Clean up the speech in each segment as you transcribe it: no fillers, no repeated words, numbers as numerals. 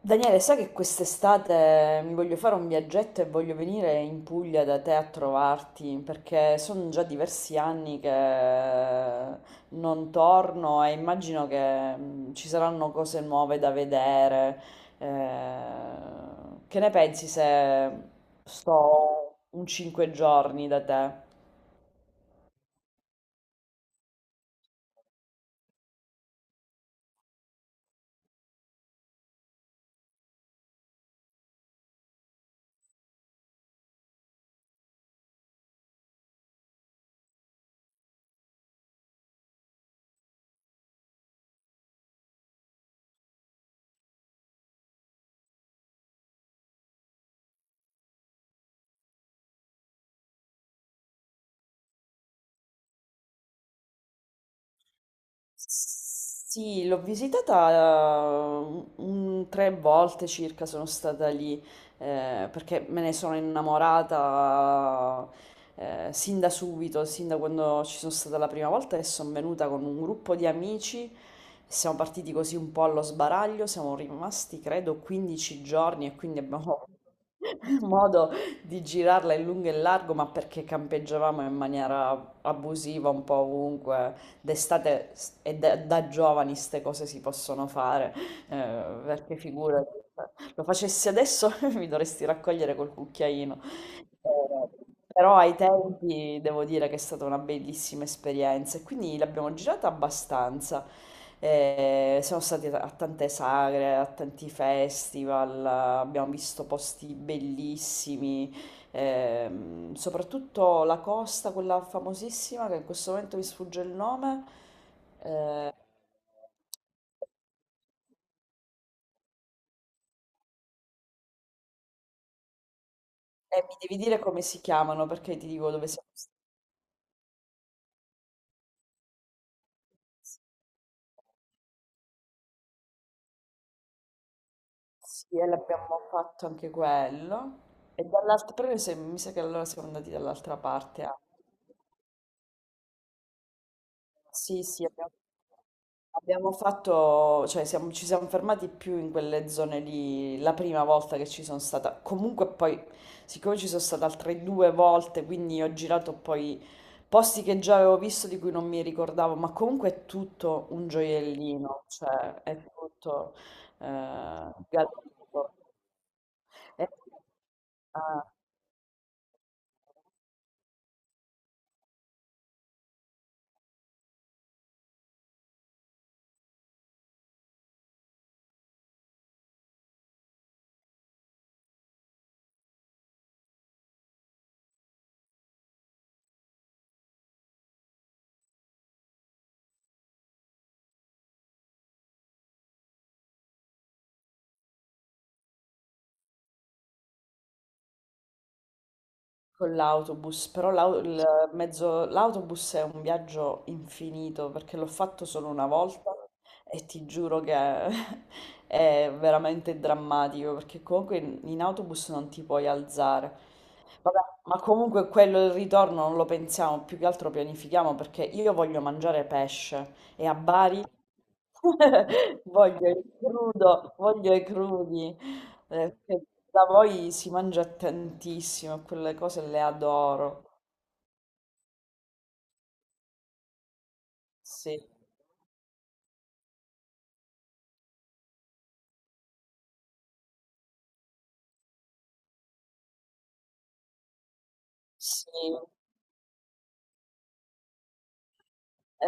Daniele, sai che quest'estate mi voglio fare un viaggetto e voglio venire in Puglia da te a trovarti perché sono già diversi anni che non torno e immagino che ci saranno cose nuove da vedere. Che ne pensi se sto un 5 giorni da te? Sì, l'ho visitata tre volte circa, sono stata lì perché me ne sono innamorata sin da subito, sin da quando ci sono stata la prima volta e sono venuta con un gruppo di amici. Siamo partiti così un po' allo sbaraglio, siamo rimasti credo 15 giorni e quindi abbiamo modo di girarla in lungo e in largo, ma perché campeggiavamo in maniera abusiva un po' ovunque d'estate e da giovani ste cose si possono fare, perché figura, lo facessi adesso mi dovresti raccogliere col cucchiaino. Eh, Però ai tempi devo dire che è stata una bellissima esperienza e quindi l'abbiamo girata abbastanza. Siamo stati a tante sagre, a tanti festival, abbiamo visto posti bellissimi. Soprattutto la costa, quella famosissima, che in questo momento mi sfugge il nome, eh, e mi devi dire come si chiamano perché ti dico dove siamo stati. Sì, e l'abbiamo fatto anche quello. E dall'altra, però noi mi sa che allora siamo andati dall'altra parte anche. Sì, sì, abbiamo fatto, cioè ci siamo fermati più in quelle zone lì la prima volta che ci sono stata. Comunque poi, siccome ci sono stata altre due volte, quindi ho girato poi posti che già avevo visto di cui non mi ricordavo, ma comunque è tutto un gioiellino, cioè è tutto eh, gradito. E- ah. Con l'autobus, però l'autobus è un viaggio infinito perché l'ho fatto solo una volta e ti giuro che è veramente drammatico perché comunque in autobus non ti puoi alzare. Vabbè, ma comunque quello il ritorno non lo pensiamo, più che altro pianifichiamo perché io voglio mangiare pesce e a Bari voglio il crudo, voglio i crudi. Che da voi si mangia tantissimo, quelle cose le adoro. Sì, sì,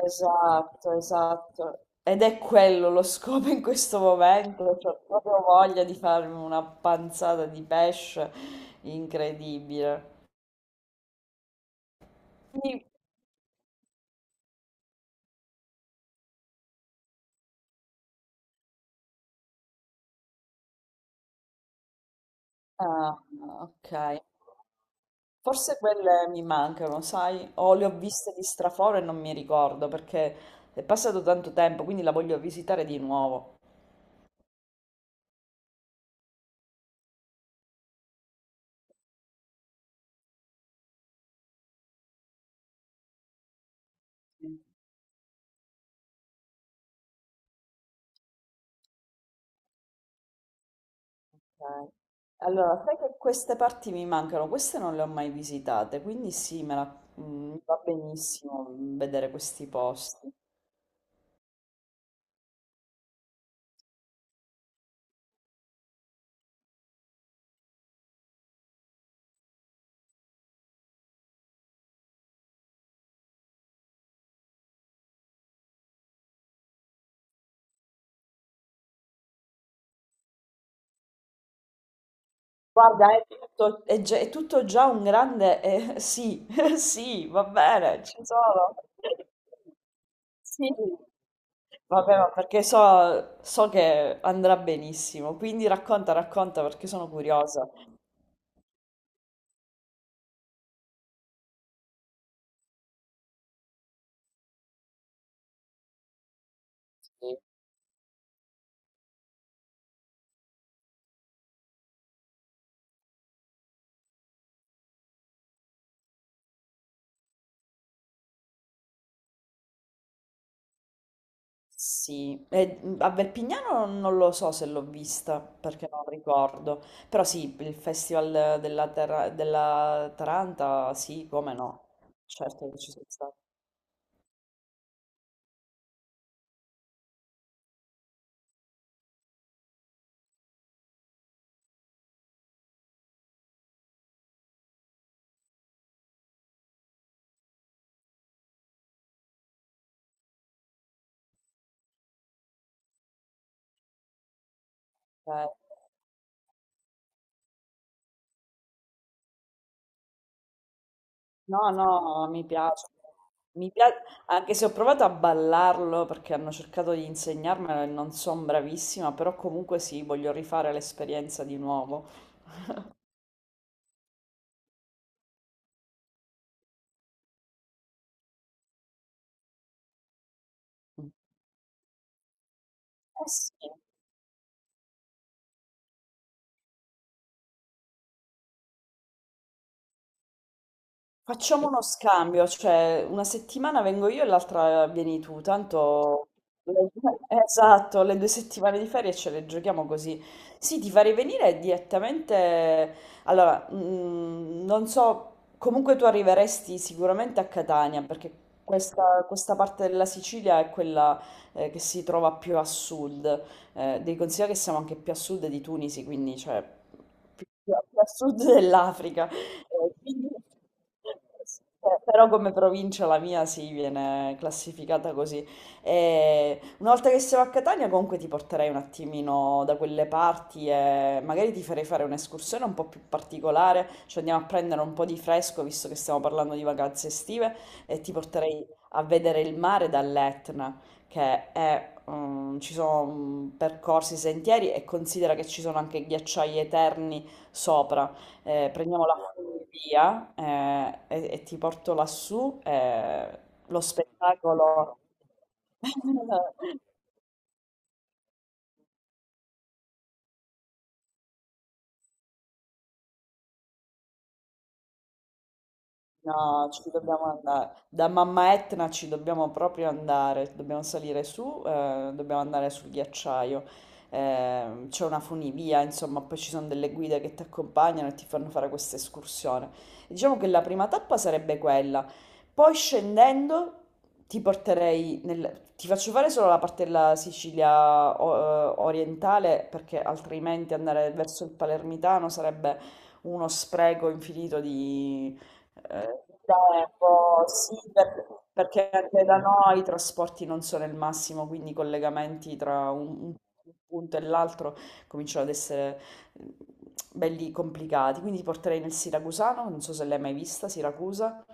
esatto, esatto. Ed è quello lo scopo in questo momento, ho proprio voglia di farmi una panzata di pesce incredibile. Quindi Ah, ok. Forse quelle mi mancano, sai? O le ho viste di straforo e non mi ricordo perché è passato tanto tempo, quindi la voglio visitare di nuovo. Ok. Allora, sai che queste parti mi mancano, queste non le ho mai visitate, quindi sì, va benissimo vedere questi posti. Guarda, è tutto, è già, è tutto già un grande sì, sì, va bene, ci sono. Sì. Vabbè, ma perché so, so che andrà benissimo, quindi racconta, racconta perché sono curiosa. Sì. Sì. E, a Verpignano non lo so se l'ho vista perché non ricordo, però sì, il Festival della Taranta, sì, come no, certo che ci sono stata. No, no, mi piace. Mi pia- Anche se ho provato a ballarlo perché hanno cercato di insegnarmelo e non sono bravissima, però comunque sì, voglio rifare l'esperienza di nuovo. Eh sì. Facciamo uno scambio, cioè una settimana vengo io e l'altra vieni tu, tanto... le- Esatto, le due settimane di ferie ce le giochiamo così. Sì, ti farei venire direttamente... Allora, non so, comunque tu arriveresti sicuramente a Catania, perché questa parte della Sicilia è quella che si trova più a sud. Devi considerare che siamo anche più a sud di Tunisi, quindi cioè più a sud dell'Africa. Eh, quindi- sì, però come provincia la mia si viene classificata così. E una volta che siamo a Catania comunque ti porterei un attimino da quelle parti e magari ti farei fare un'escursione un po' più particolare, cioè andiamo a prendere un po' di fresco visto che stiamo parlando di vacanze estive e ti porterei a vedere il mare dall'Etna, che è, ci sono percorsi, sentieri e considera che ci sono anche ghiacciai eterni sopra prendiamo la funivia e ti porto lassù, lo spettacolo... No, ci dobbiamo andare. Da Mamma Etna ci dobbiamo proprio andare. Dobbiamo salire su, dobbiamo andare sul ghiacciaio. C'è una funivia, insomma, poi ci sono delle guide che ti accompagnano e ti fanno fare questa escursione. Diciamo che la prima tappa sarebbe quella. Poi scendendo ti porterei nel... Ti faccio fare solo la parte della Sicilia orientale perché altrimenti andare verso il palermitano sarebbe uno spreco infinito di Ehm, tempo, sì, perché anche da noi i trasporti non sono il massimo, quindi i collegamenti tra un punto e l'altro cominciano ad essere eh, belli complicati. Quindi ti porterei nel Siracusano, non so se l'hai mai vista, Siracusa.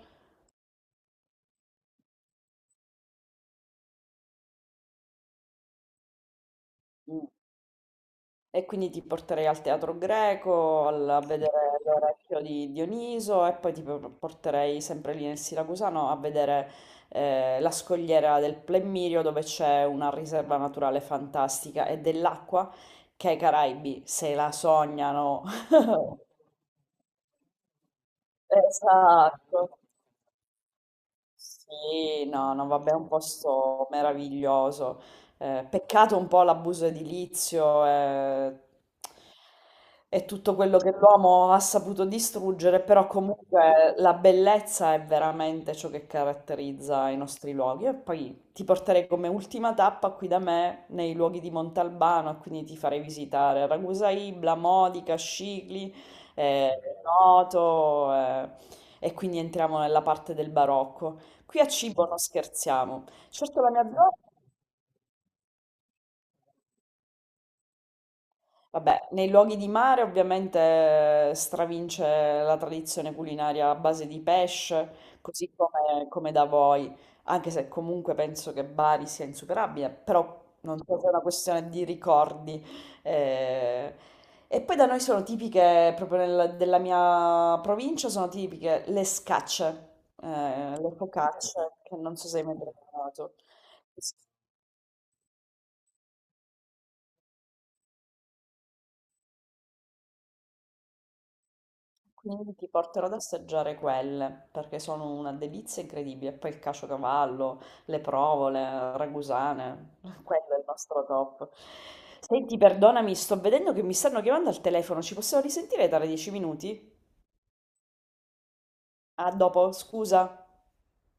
E quindi ti porterei al teatro greco, a vedere l'orecchio di Dioniso e poi porterei sempre lì nel Siracusano a vedere la scogliera del Plemmirio dove c'è una riserva naturale fantastica e dell'acqua che i Caraibi se la sognano. Esatto. Sì, no, no, vabbè, è un posto meraviglioso. Peccato un po' l'abuso edilizio e, tutto quello che l'uomo ha saputo distruggere, però comunque la bellezza è veramente ciò che caratterizza i nostri luoghi. E poi ti porterei come ultima tappa qui da me nei luoghi di Montalbano, e quindi ti farei visitare Ragusa Ibla, Modica, Scicli, eh, Noto, e quindi entriamo nella parte del barocco. Qui a cibo non scherziamo. Certo la mia zona, vabbè, nei luoghi di mare ovviamente stravince la tradizione culinaria a base di pesce, così come, come da voi, anche se comunque penso che Bari sia insuperabile, però non so se è una questione di ricordi. eh. E poi da noi sono tipiche, proprio della mia provincia, sono tipiche le scacce, le focacce, che non so se hai mai provato. Quindi ti porterò ad assaggiare quelle, perché sono una delizia incredibile. E poi il caciocavallo, le provole, ragusane, quello è il nostro top. Senti, perdonami, sto vedendo che mi stanno chiamando al telefono, ci possiamo risentire tra 10 minuti? Ah, dopo, scusa.